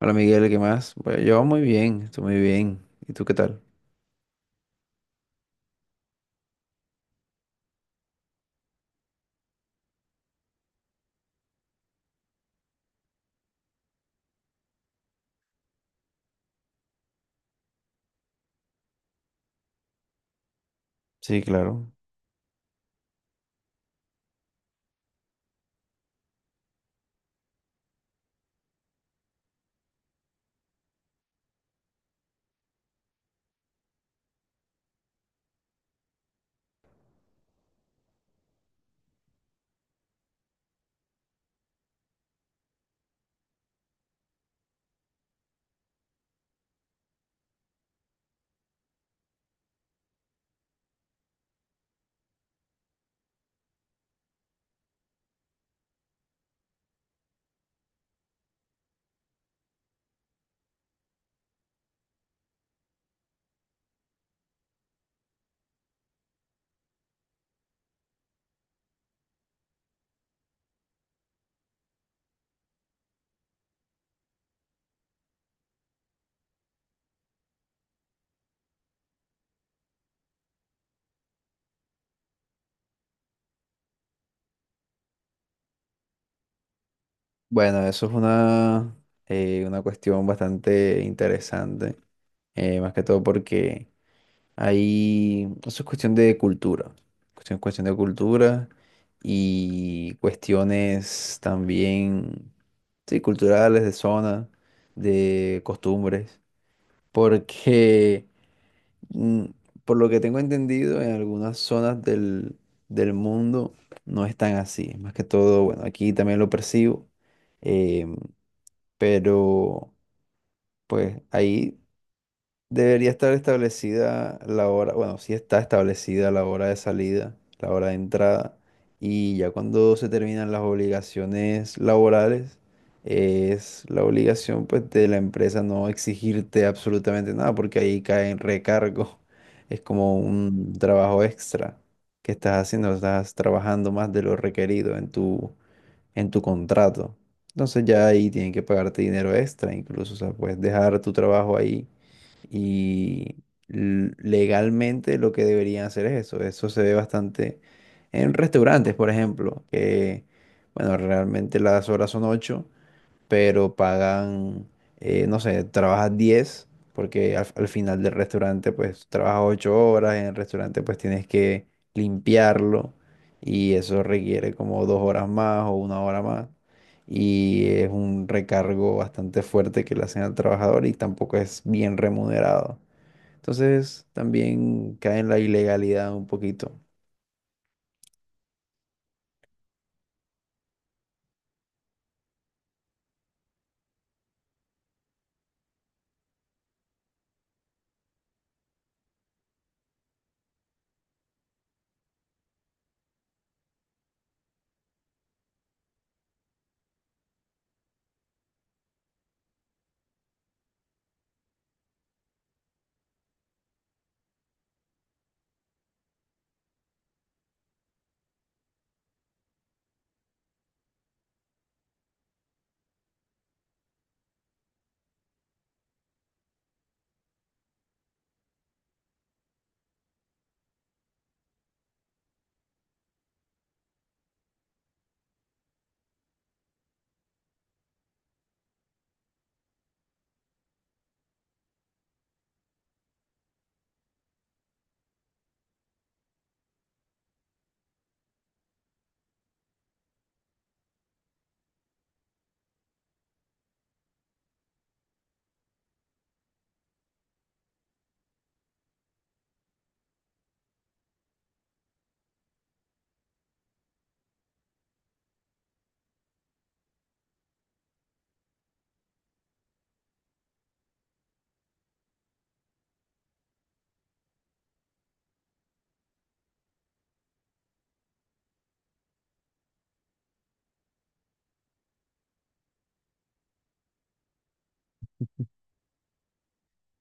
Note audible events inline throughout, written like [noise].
Hola Miguel, ¿qué más? Bueno, yo muy bien, estoy muy bien. ¿Y tú qué tal? Sí, claro. Bueno, eso es una cuestión bastante interesante, más que todo porque ahí eso es cuestión de cultura, cuestión de cultura y cuestiones también, sí, culturales, de zona, de costumbres, porque Mm, por lo que tengo entendido, en algunas zonas del mundo no es tan así. Más que todo, bueno, aquí también lo percibo. em, pero pues ahí debería estar establecida la hora, bueno, sí está establecida la hora de salida, la hora de entrada, y ya cuando se terminan las obligaciones laborales, es la obligación pues de la empresa no exigirte absolutamente nada, porque ahí cae en recargo, [laughs] es como un trabajo extra que estás haciendo, estás trabajando más de lo requerido en tu contrato. Entonces ya ahí tienen que pagarte dinero extra, incluso, o sea, puedes dejar tu trabajo ahí y legalmente lo que deberían hacer es eso. Eso se ve bastante en restaurantes, por ejemplo, que, bueno, realmente las horas son ocho, pero pagan, no sé, trabajas 10 porque al final del restaurante pues trabajas 8 horas, en el restaurante pues tienes que limpiarlo y eso requiere como dos horas más o una hora más y es un recargo bastante fuerte que le hacen al trabajador y tampoco es bien remunerado. Entonces también cae en la ilegalidad un poquito.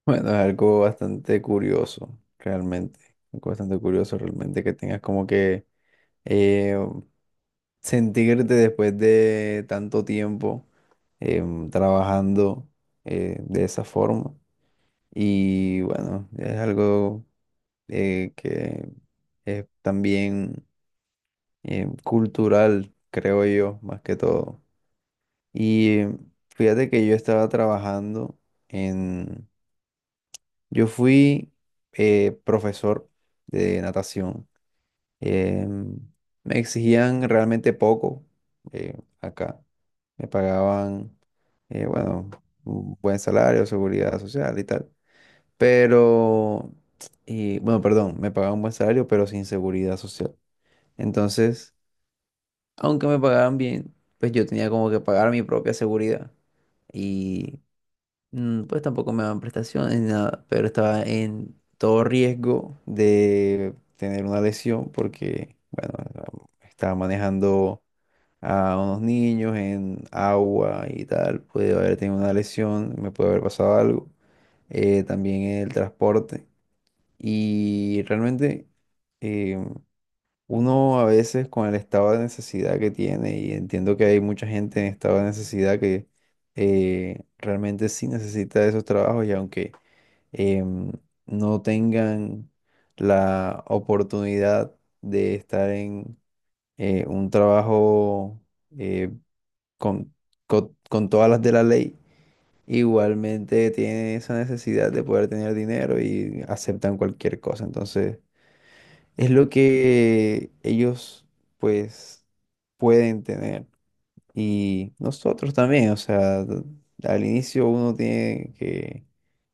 Bueno, es algo bastante curioso, realmente. Algo bastante curioso realmente que tengas como que eh, sentirte después de tanto tiempo trabajando de esa forma. Y bueno, es algo que es también cultural, creo yo, más que todo. Y fíjate que yo estaba trabajando en... Yo fui profesor de natación. Em, Me exigían realmente poco acá. Me pagaban, bueno, un buen salario, seguridad social y tal. Pero, y, bueno, perdón, me pagaban un buen salario, pero sin seguridad social. Entonces, aunque me pagaban bien, pues yo tenía como que pagar mi propia seguridad. Y pues tampoco me daban prestaciones ni nada, pero estaba en todo riesgo de tener una lesión porque, bueno, estaba manejando a unos niños en agua y tal, puede haber tenido una lesión, me puede haber pasado algo. También el transporte. Y realmente eh, uno a veces con el estado de necesidad que tiene, y entiendo que hay mucha gente en estado de necesidad que realmente sí necesita esos trabajos y aunque em, no tengan la oportunidad de estar en un trabajo eh, con, con todas las de la ley, igualmente tienen esa necesidad de poder tener dinero y aceptan cualquier cosa. Entonces, es lo que ellos, pues, pueden tener. Y nosotros también, o sea, al inicio uno tiene que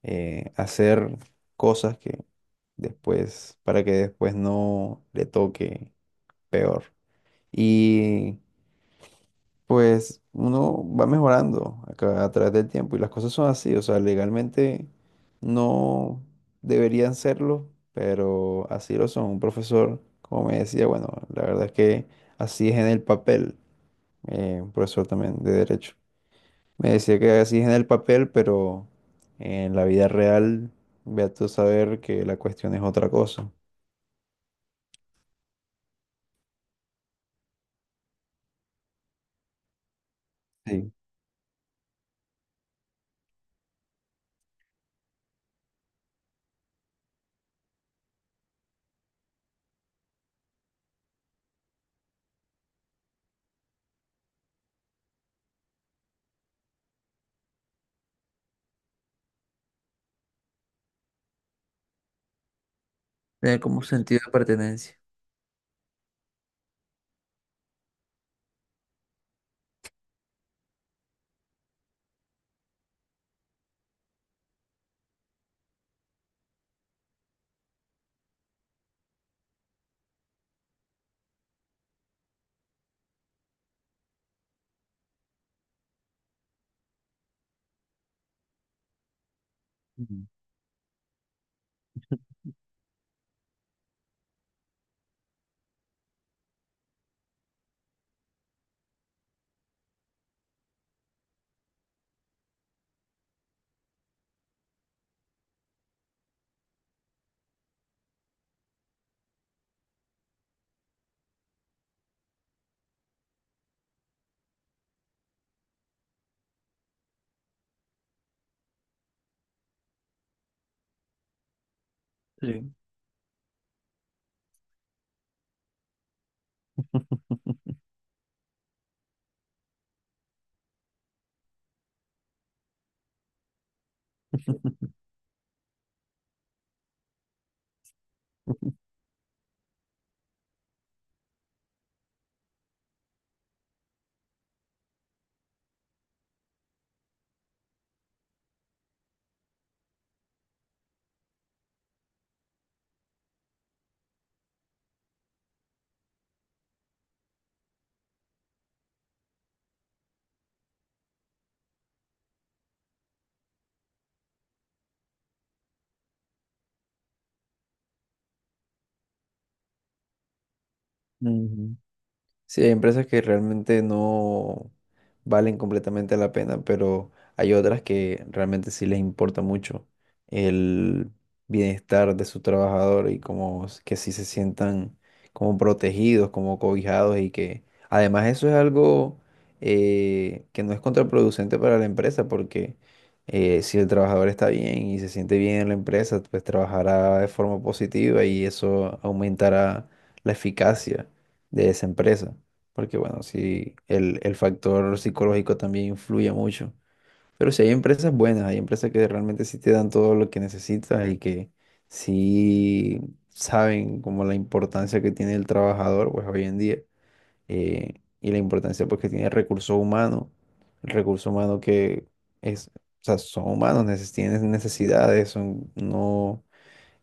hacer cosas que después, para que después no le toque peor. Y pues uno va mejorando a, a través del tiempo y las cosas son así, o sea, legalmente no deberían serlo, pero así lo son. Un profesor, como me decía, bueno, la verdad es que así es en el papel, un profesor también de derecho. Me decía que así es en el papel, pero en la vida real, ve tú a saber que la cuestión es otra cosa. Sí. Tener como sentido de pertenencia. Ujú. Sí. [laughs] Ujú. Sí, hay empresas que realmente no valen completamente la pena, pero hay otras que realmente sí les importa mucho el bienestar de su trabajador y como que sí se sientan como protegidos, como cobijados y que además eso es algo que no es contraproducente para la empresa porque si el trabajador está bien y se siente bien en la empresa, pues trabajará de forma positiva y eso aumentará la eficacia de esa empresa. Porque bueno, sí, el factor psicológico también influye mucho. Pero sí hay empresas buenas, hay empresas que realmente sí te dan todo lo que necesitas y que sí saben como la importancia que tiene el trabajador, pues hoy en día, eh, y la importancia pues que tiene el recurso humano que es, o sea, son humanos, tienen necesidades, son, no,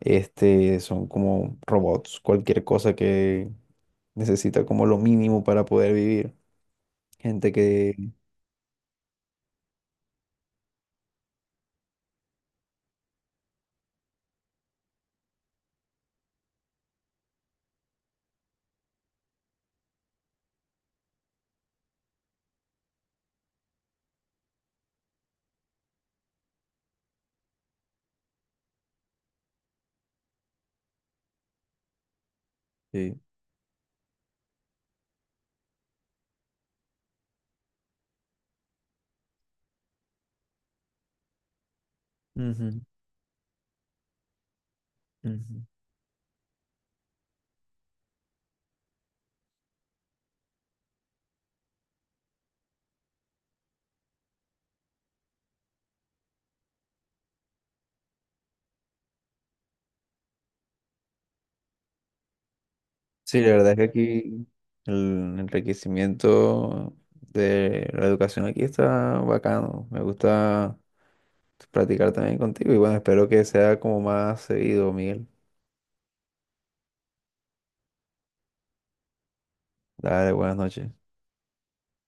este, son como robots, cualquier cosa necesita como lo mínimo para poder vivir. Gente que... Sí, ujú, ujú. Sí, la verdad es que aquí el enriquecimiento de la educación aquí está bacano. Me gusta practicar también contigo y bueno, espero que sea como más seguido, Miguel. Dale, buenas noches.